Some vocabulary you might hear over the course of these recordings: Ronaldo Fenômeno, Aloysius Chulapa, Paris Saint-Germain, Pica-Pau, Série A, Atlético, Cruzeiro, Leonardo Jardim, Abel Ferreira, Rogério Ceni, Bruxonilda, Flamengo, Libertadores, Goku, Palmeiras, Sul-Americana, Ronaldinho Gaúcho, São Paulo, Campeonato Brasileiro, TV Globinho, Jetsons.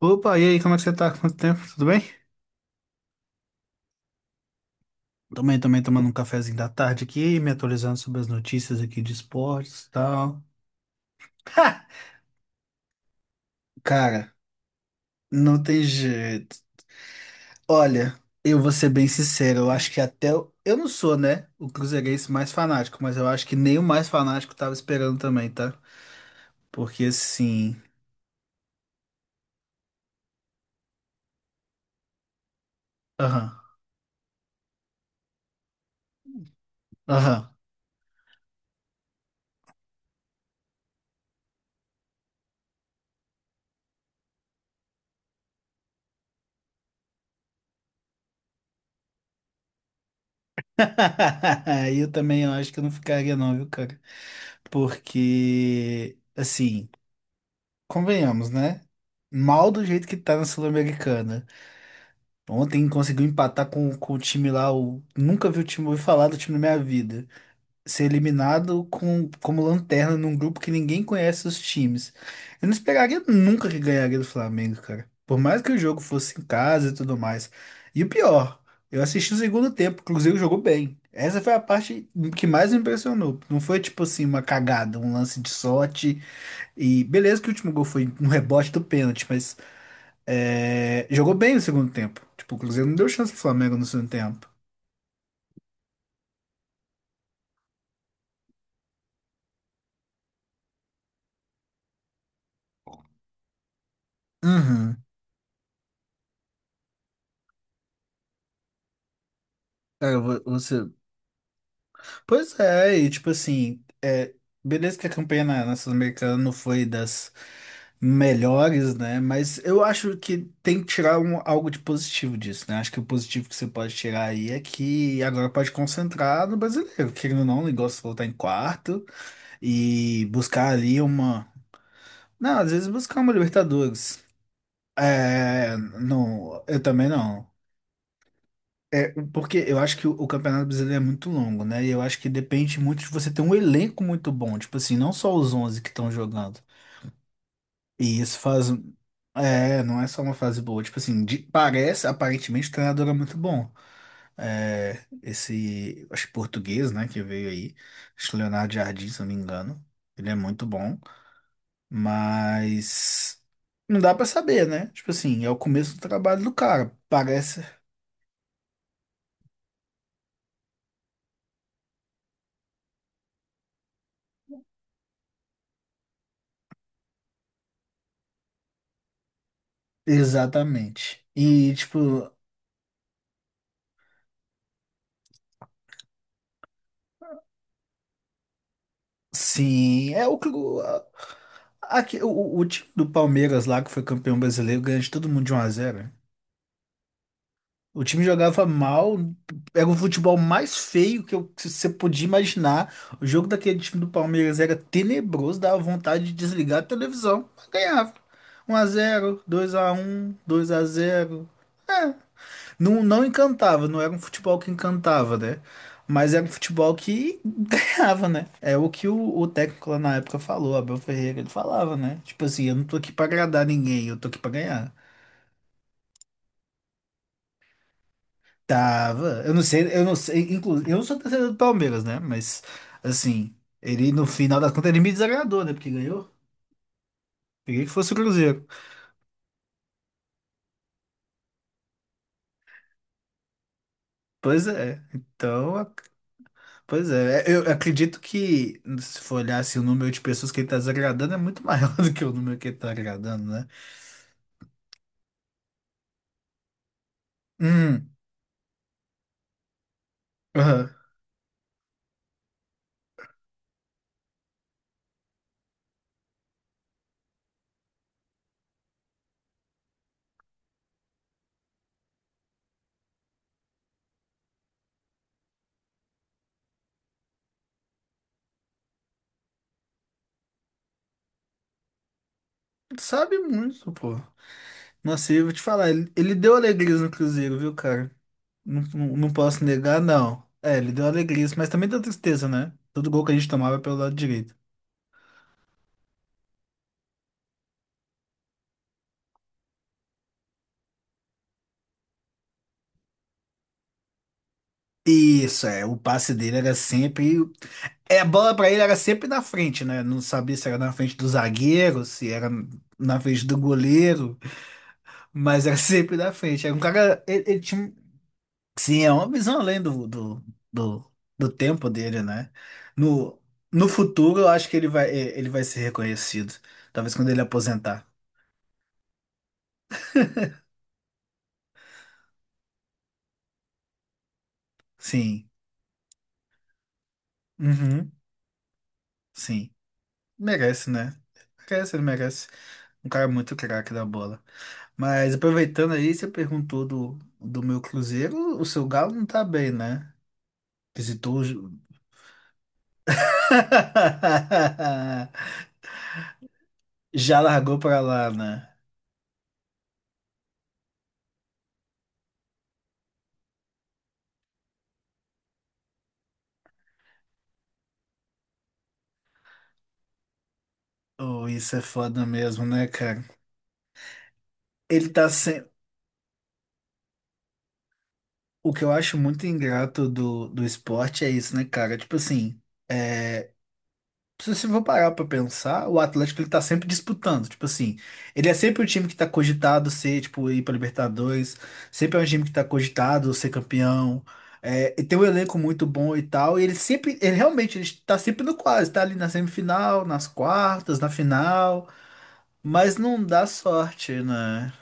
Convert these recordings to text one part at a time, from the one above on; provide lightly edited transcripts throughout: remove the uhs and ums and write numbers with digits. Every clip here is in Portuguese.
Opa, e aí, como é que você tá? Quanto tempo? Tudo bem? Também, tomando um cafezinho da tarde aqui, me atualizando sobre as notícias aqui de esportes e tal. Ha! Cara, não tem jeito. Olha, eu vou ser bem sincero, eu acho que eu não sou, né, o cruzeirense mais fanático, mas eu acho que nem o mais fanático tava esperando também, tá? Porque assim. Aham, aham. Eu também, eu acho que eu não ficaria, não, viu, cara? Porque, assim. Convenhamos, né? Mal do jeito que tá na Sul-Americana. Ontem conseguiu empatar com o time lá, nunca vi o time, ouvi falar do time na minha vida. Ser eliminado como lanterna num grupo que ninguém conhece os times. Eu não esperaria nunca que ganharia do Flamengo, cara. Por mais que o jogo fosse em casa e tudo mais. E o pior, eu assisti o segundo tempo, o Cruzeiro jogou bem. Essa foi a parte que mais me impressionou. Não foi tipo assim uma cagada, um lance de sorte, e beleza que o último gol foi um rebote do pênalti, mas jogou bem no segundo tempo. Tipo, o Cruzeiro não deu chance pro Flamengo no segundo tempo. Uhum. Cara, você. Pois é, e tipo assim, beleza que a campanha na Sul-Americana não foi das melhores, né? Mas eu acho que tem que tirar algo de positivo disso, né? Acho que o positivo que você pode tirar aí é que agora pode concentrar no brasileiro, querendo ou não, o negócio voltar em quarto, e buscar ali uma. Não, às vezes buscar uma Libertadores. É, não, eu também não. É, porque eu acho que o Campeonato Brasileiro é muito longo, né? E eu acho que depende muito de você ter um elenco muito bom. Tipo assim, não só os 11 que estão jogando. E isso faz. É, não é só uma fase boa. Tipo assim, parece, aparentemente, o treinador é muito bom. É, esse, acho que português, né, que veio aí. Acho que Leonardo Jardim, se eu não me engano. Ele é muito bom. Mas não dá pra saber, né? Tipo assim, é o começo do trabalho do cara, parece exatamente. E tipo, sim, é o que aqui, o time do Palmeiras lá que foi campeão brasileiro ganha de todo mundo de 1 a zero. O time jogava mal, era o futebol mais feio que que você podia imaginar. O jogo daquele time do Palmeiras era tenebroso, dava vontade de desligar a televisão, mas ganhava um a zero, dois a um, 2 a zero. É, não, não encantava, não era um futebol que encantava, né? Mas era um futebol que ganhava, né? É o que o técnico lá na época falou, Abel Ferreira, ele falava, né? Tipo assim, eu não tô aqui pra agradar ninguém, eu tô aqui pra ganhar. Tava, eu não sei, inclusive, eu não sou torcedor do Palmeiras, né? Mas, assim, ele no final das contas ele me desagradou, né? Porque ganhou. Queria que fosse o Cruzeiro. Pois é, então. Pois é, eu acredito que se for olhar assim, o número de pessoas que ele tá desagradando é muito maior do que o número que ele tá agradando, né? Hum, aham. Sabe muito, pô. Nossa, e eu vou te falar, ele deu alegrias no Cruzeiro, viu, cara? Não, não, não posso negar, não. É, ele deu alegrias, mas também deu tristeza, né? Todo gol que a gente tomava é pelo lado direito. Isso, é, o passe dele era sempre. É, a bola pra ele era sempre na frente, né? Não sabia se era na frente do zagueiro, se era na frente do goleiro. Mas era sempre da frente. Era um cara. Ele tinha. Sim, é uma visão além do, do tempo dele, né? No, no futuro, eu acho que ele vai, ele vai ser reconhecido. Talvez quando ele aposentar. Sim. Uhum. Sim. Merece, né? Merece, ele merece. Um cara muito craque da bola. Mas aproveitando aí, você perguntou do meu Cruzeiro. O seu Galo não tá bem, né? Visitou o Ju-. Já largou pra lá, né? Oh, isso é foda mesmo, né, cara? Ele tá sem... O que eu acho muito ingrato do esporte é isso, né, cara? Tipo assim, é... se você for parar pra pensar, o Atlético ele tá sempre disputando. Tipo assim, ele é sempre o time que tá cogitado ser, tipo, ir pra Libertadores, sempre é um time que tá cogitado ser campeão. E tem um elenco muito bom e tal. E ele sempre, ele realmente, ele tá sempre no quase, tá ali na semifinal, nas quartas, na final. Mas não dá sorte, né?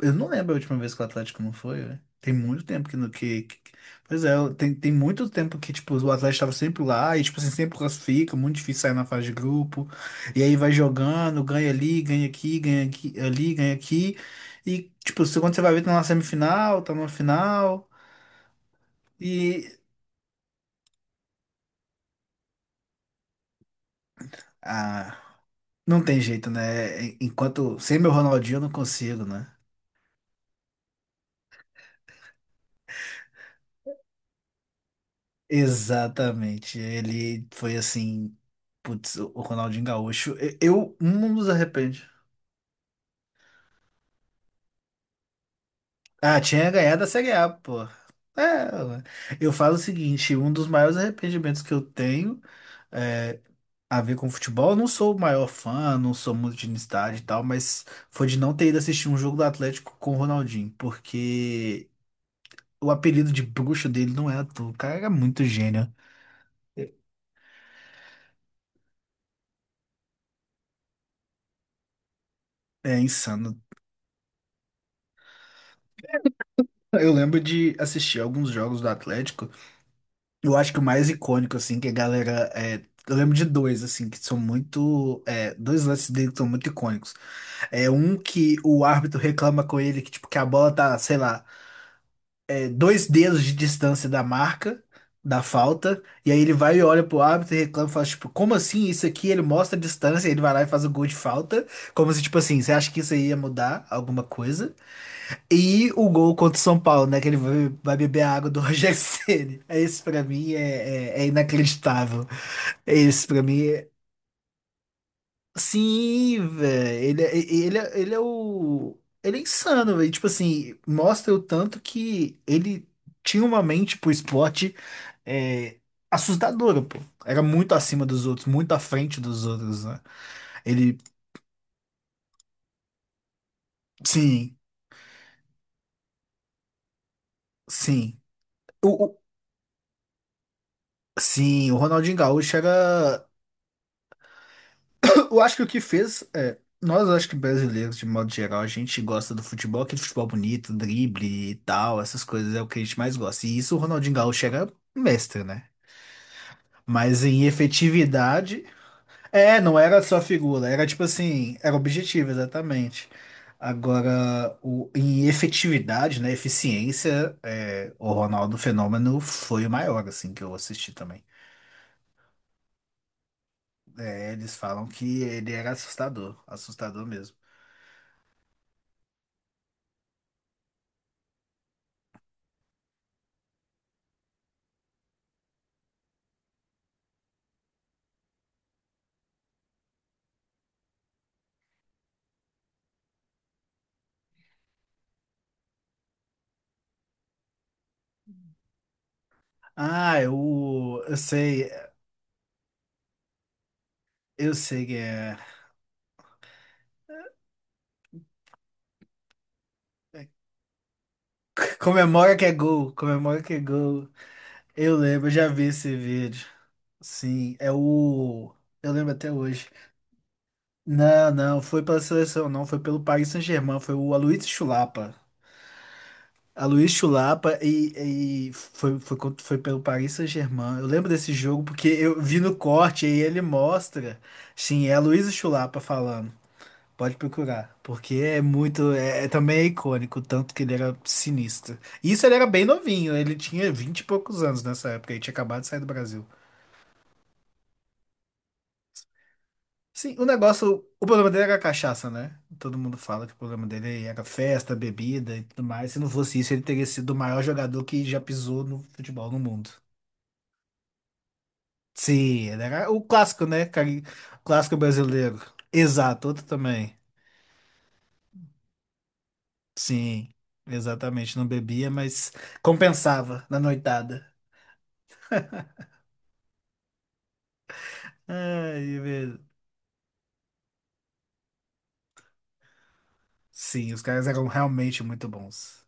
Eu não lembro a última vez que o Atlético não foi, né? Tem muito tempo que, que... Pois é, tem muito tempo que, tipo, o Atlético tava sempre lá e, tipo, assim, sempre classifica, muito difícil sair na fase de grupo. E aí vai jogando, ganha ali, ganha aqui, ali, ganha aqui. E, tipo, quando você vai ver, tá na semifinal, tá numa final. E... Ah, não tem jeito, né? Enquanto... Sem meu Ronaldinho eu não consigo, né? Exatamente. Ele foi assim. Putz, o Ronaldinho Gaúcho. Eu não nos arrepende. Ah, tinha ganhado a Série A, pô. É, eu falo o seguinte: um dos maiores arrependimentos que eu tenho, é a ver com futebol. Eu não sou o maior fã, não sou muito de ir no estádio e tal, mas foi de não ter ido assistir um jogo do Atlético com o Ronaldinho, porque o apelido de bruxo dele não é à toa. O cara era muito gênio. É é insano. Eu lembro de assistir alguns jogos do Atlético. Eu acho que o mais icônico, assim, que a galera. Eu lembro de dois, assim, que são muito, dois lances dele que são muito icônicos. É um que o árbitro reclama com ele que, tipo, que a bola tá, sei lá, dois dedos de distância da marca, da falta. E aí ele vai e olha pro árbitro e reclama e fala, tipo, como assim isso aqui? Ele mostra a distância, ele vai lá e faz o gol de falta. Como se, tipo assim, você acha que isso aí ia mudar alguma coisa? E o gol contra o São Paulo, né? Que ele vai beber a água do Rogério Ceni. Esse pra mim é, inacreditável. Esse pra mim é... Sim, velho. Ele é o... Ele é insano, velho. Tipo assim, mostra o tanto que ele tinha uma mente pro esporte, é, assustadora, pô. Era muito acima dos outros, muito à frente dos outros, né? Ele... Sim, sim. O, o- sim, o Ronaldinho Gaúcho era... Eu acho que o que fez, nós acho que brasileiros, de modo geral, a gente gosta do futebol, aquele futebol bonito, drible e tal, essas coisas é o que a gente mais gosta. E isso o Ronaldinho Gaúcho era um mestre, né? Mas em efetividade, não era só figura, era tipo assim, era objetivo, exatamente. Agora, em efetividade, né, eficiência, o Ronaldo Fenômeno foi o maior, assim, que eu assisti também. É, eles falam que ele era assustador, assustador mesmo. Ah, eu sei, eu sei que é. Comemora que é gol, comemora que é gol. Eu lembro, eu já vi esse vídeo. Sim, é o. Eu lembro até hoje. Não, não, foi pela seleção, não, foi pelo Paris Saint-Germain, foi o Aloysius Chulapa. Aloysius Chulapa e foi, foi pelo Paris Saint-Germain. Eu lembro desse jogo porque eu vi no corte e ele mostra. Sim, é Aloysius Chulapa falando. Pode procurar, porque é muito, também é icônico, o tanto que ele era sinistro. E isso ele era bem novinho, ele tinha 20 e poucos anos nessa época, ele tinha acabado de sair do Brasil. Sim, o negócio, o problema dele era a cachaça, né? Todo mundo fala que o problema dele era festa, bebida e tudo mais. Se não fosse isso, ele teria sido o maior jogador que já pisou no futebol no mundo. Sim, ele era o clássico, né? Clássico brasileiro. Exato, outro também. Sim, exatamente, não bebia, mas compensava na noitada. Ai, é mesmo. Sim, os caras eram realmente muito bons.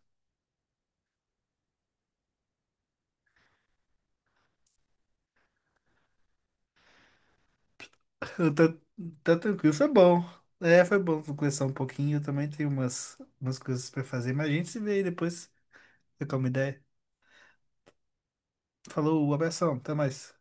Eu Tá, tá, tranquilo, foi bom. É, foi bom conversar um pouquinho. Eu também tenho umas coisas pra fazer, mas a gente se vê aí depois, trocar uma ideia. Falou, abração, até mais.